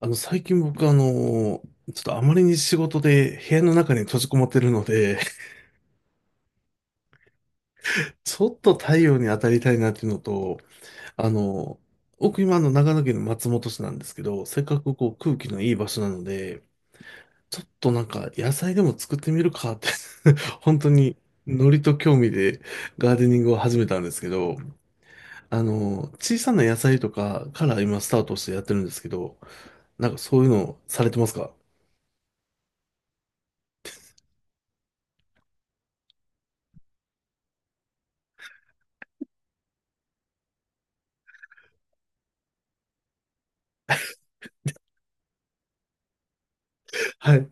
最近僕ちょっとあまりに仕事で部屋の中に閉じこもってるので、ちょっと太陽に当たりたいなっていうのと、あの、僕今長野県の松本市なんですけど、せっかくこう空気のいい場所なので、ちょっとなんか野菜でも作ってみるかって 本当にノリと興味でガーデニングを始めたんですけど、小さな野菜とかから今スタートしてやってるんですけど、なんかそういうのされてますか？はい。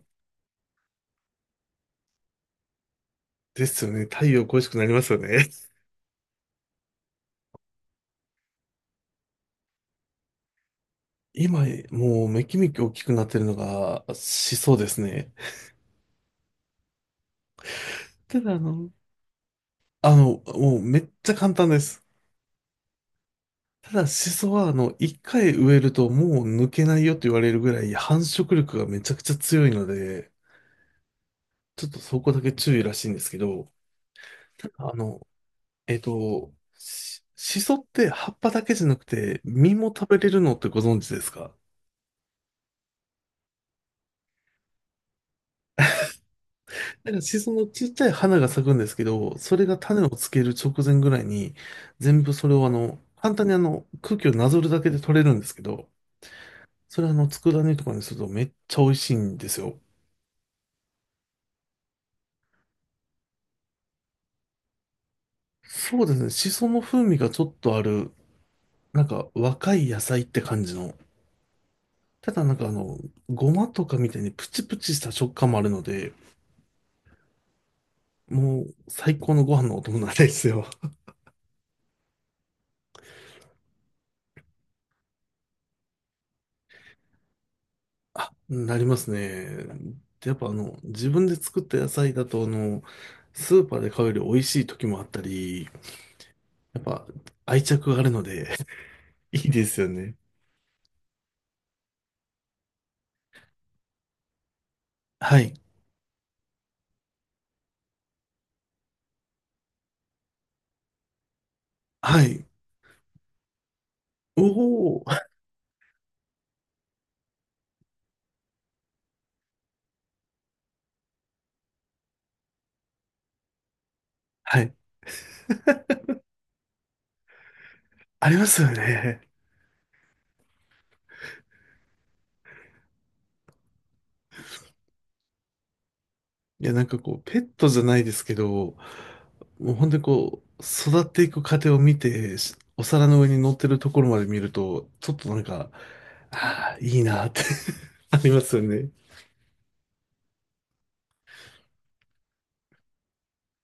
ですよね。太陽恋しくなりますよね。今、もうめきめき大きくなってるのが、シソですね。ただ、もうめっちゃ簡単です。ただ、シソは、一回植えるともう抜けないよと言われるぐらい繁殖力がめちゃくちゃ強いので、ちょっとそこだけ注意らしいんですけど、あの、えっと、シしって葉っぱだけじゃなくて、実も食べれるのってご存知ですか？なんか、シソのちっちゃい花が咲くんですけど、それが種をつける直前ぐらいに、全部それを簡単に空気をなぞるだけで取れるんですけど、それ佃煮とかにするとめっちゃ美味しいんですよ。そうですね、シソの風味がちょっとある、なんか若い野菜って感じの、ただなんかごまとかみたいにプチプチした食感もあるので、もう最高のご飯のお供なんですよ。あ、なりますね。でやっぱ自分で作った野菜だと、スーパーで買うより美味しい時もあったり、やっぱ愛着があるので、いいですよね。はい。はい。おお。はい。ありますよね。いや、なんかこう、ペットじゃないですけど、もう本当にこう、育っていく過程を見て、しお皿の上に乗ってるところまで見ると、ちょっとなんか、ああ、いいなって ありますよね。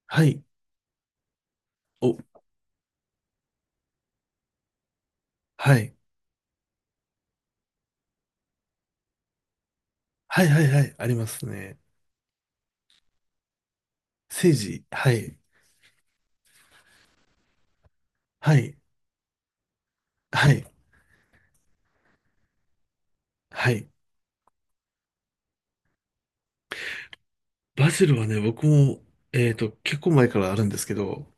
はい。お、はい。はいはいはい。ありますね。セージ、はい、はい、はい、はい。バジルはね、僕も、結構前からあるんですけど、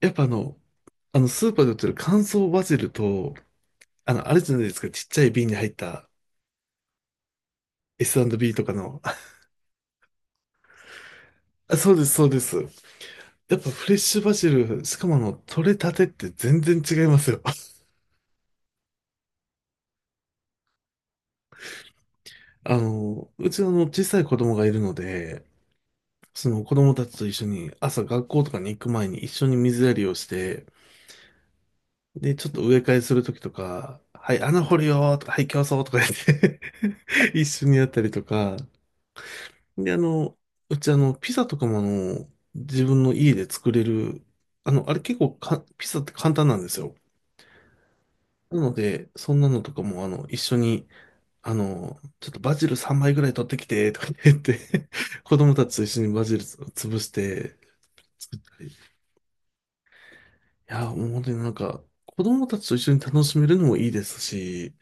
やっぱスーパーで売ってる乾燥バジルと、あれじゃないですか、ちっちゃい瓶に入った S&B とかの、あ、そうです、そうです。やっぱフレッシュバジル、しかも取れたてって全然違いますよ。うちは小さい子供がいるので、その子供たちと一緒に朝学校とかに行く前に一緒に水やりをして、で、ちょっと植え替えするときとか、はい、穴掘るよーとか、はい、競争とか言って 一緒にやったりとか、で、うちピザとかも自分の家で作れる、あの、あれ結構か、ピザって簡単なんですよ。なので、そんなのとかも一緒に、ちょっとバジル3枚ぐらい取ってきて、とか言って 子供たちと一緒にバジル潰して作ったり。いや、もう本当になんか、子供たちと一緒に楽しめるのもいいですし、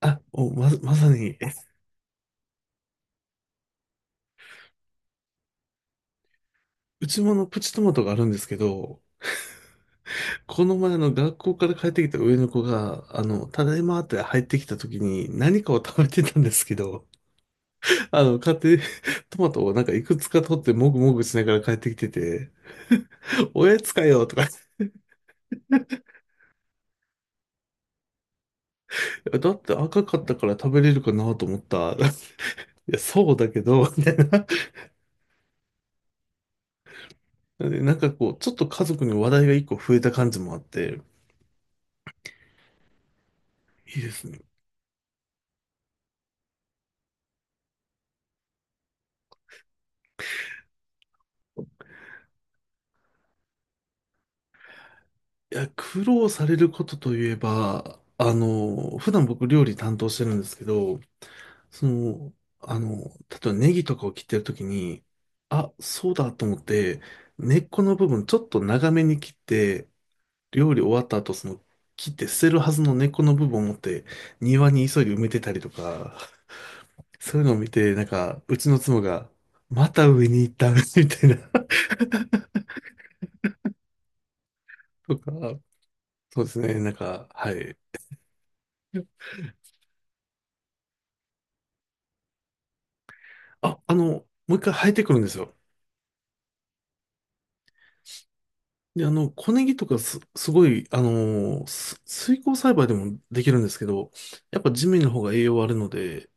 まさに、うちもプチトマトがあるんですけど、この前学校から帰ってきた上の子が、ただいまって入ってきた時に何かを食べてたんですけど、買って、トマトをなんかいくつか取ってもぐもぐしながら帰ってきてて、おやつかよとか、だって赤かったから食べれるかなと思った。いや、そうだけど、みたいな。なんかこう、ちょっと家族に話題が一個増えた感じもあって、いいですね。いや、苦労されることといえば、普段僕料理担当してるんですけど、その、あの、例えばネギとかを切ってるときに、あ、そうだと思って、根っこの部分ちょっと長めに切って、料理終わった後、その、切って捨てるはずの根っこの部分を持って、庭に急いで埋めてたりとか、そういうのを見て、なんか、うちの妻が、また上に行った みたいな、とか、そうですね、なんか、はい。あ、もう一回生えてくるんですよ。で、小ネギとかすごい、あのーす水耕栽培でもできるんですけど、やっぱ地面の方が栄養あるので、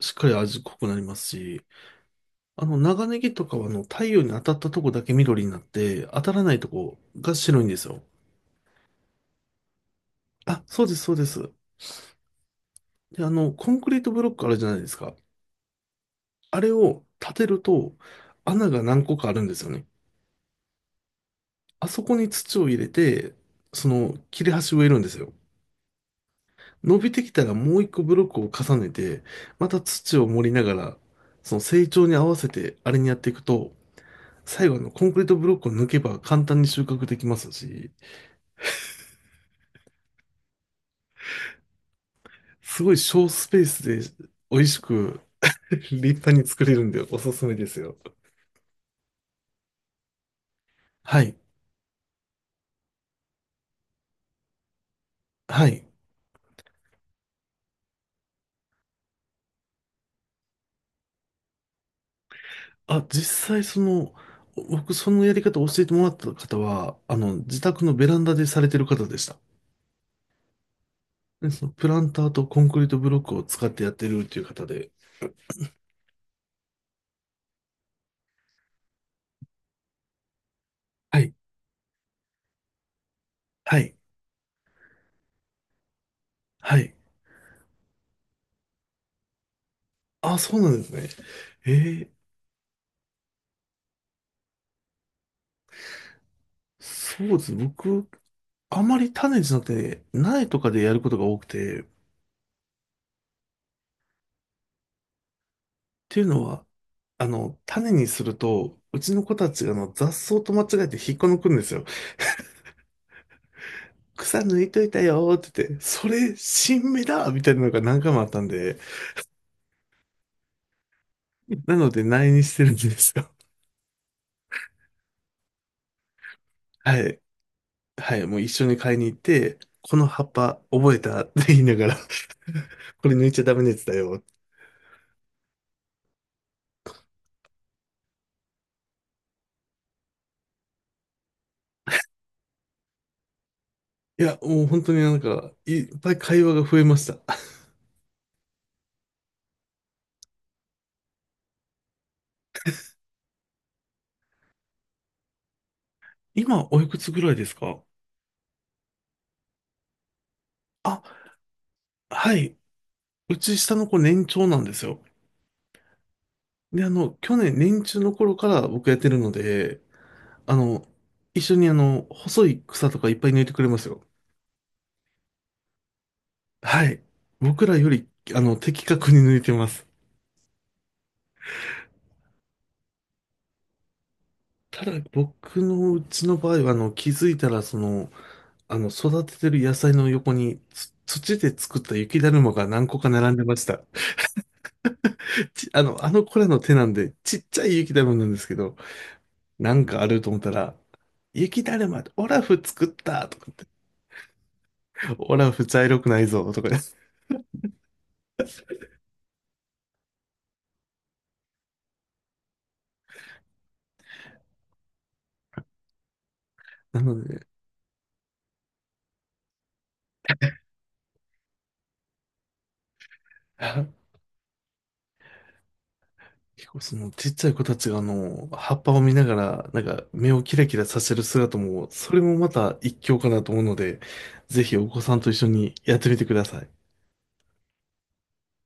しっかり味濃くなりますし、長ネギとかは、太陽に当たったとこだけ緑になって、当たらないとこが白いんですよ。あ、そうです、そうです。で、コンクリートブロックあるじゃないですか。あれを立てると、穴が何個かあるんですよね。あそこに土を入れて、その、切れ端植えるんですよ。伸びてきたらもう一個ブロックを重ねて、また土を盛りながら、その成長に合わせてあれにやっていくと、最後あのコンクリートブロックを抜けば簡単に収穫できますし、すごい小スペースで美味しく 立派に作れるんでおすすめですよ。はい。はい。あ、実際僕そのやり方を教えてもらった方は、自宅のベランダでされてる方でした。で、そのプランターとコンクリートブロックを使ってやってるっていう方で。はい。はい。はい。あ、そうなんですね。えーそうですね。僕、あまり種じゃなくて、苗とかでやることが多くて、っていうのは、種にすると、うちの子たちがあの雑草と間違えて引っこ抜くんですよ。草抜いといたよーって言って、それ、新芽だみたいなのが何回もあったんで、なので苗にしてるんですよ。はい。はい。もう一緒に買いに行って、この葉っぱ覚えたって言いながら、これ抜いちゃダメなやつだよ。いや、もう本当になんか、いっぱい会話が増えました。今、おいくつぐらいですか？あ、はい。うち下の子年長なんですよ。で、去年年中の頃から僕やってるので、あの、一緒に細い草とかいっぱい抜いてくれますよ。はい。僕らより、的確に抜いてます。ただ、僕のうちの場合は、気づいたら、育ててる野菜の横に、土で作った雪だるまが何個か並んでました。ち、あの、あの子らの手なんで、ちっちゃい雪だるまなんですけど、なんかあると思ったら、雪だるま、オラフ作ったとか言って、オラフ茶色くないぞとかです なので、あ結構そのちっちゃい子たちが葉っぱを見ながら、なんか目をキラキラさせる姿も、それもまた一興かなと思うので、ぜひお子さんと一緒にやってみてください。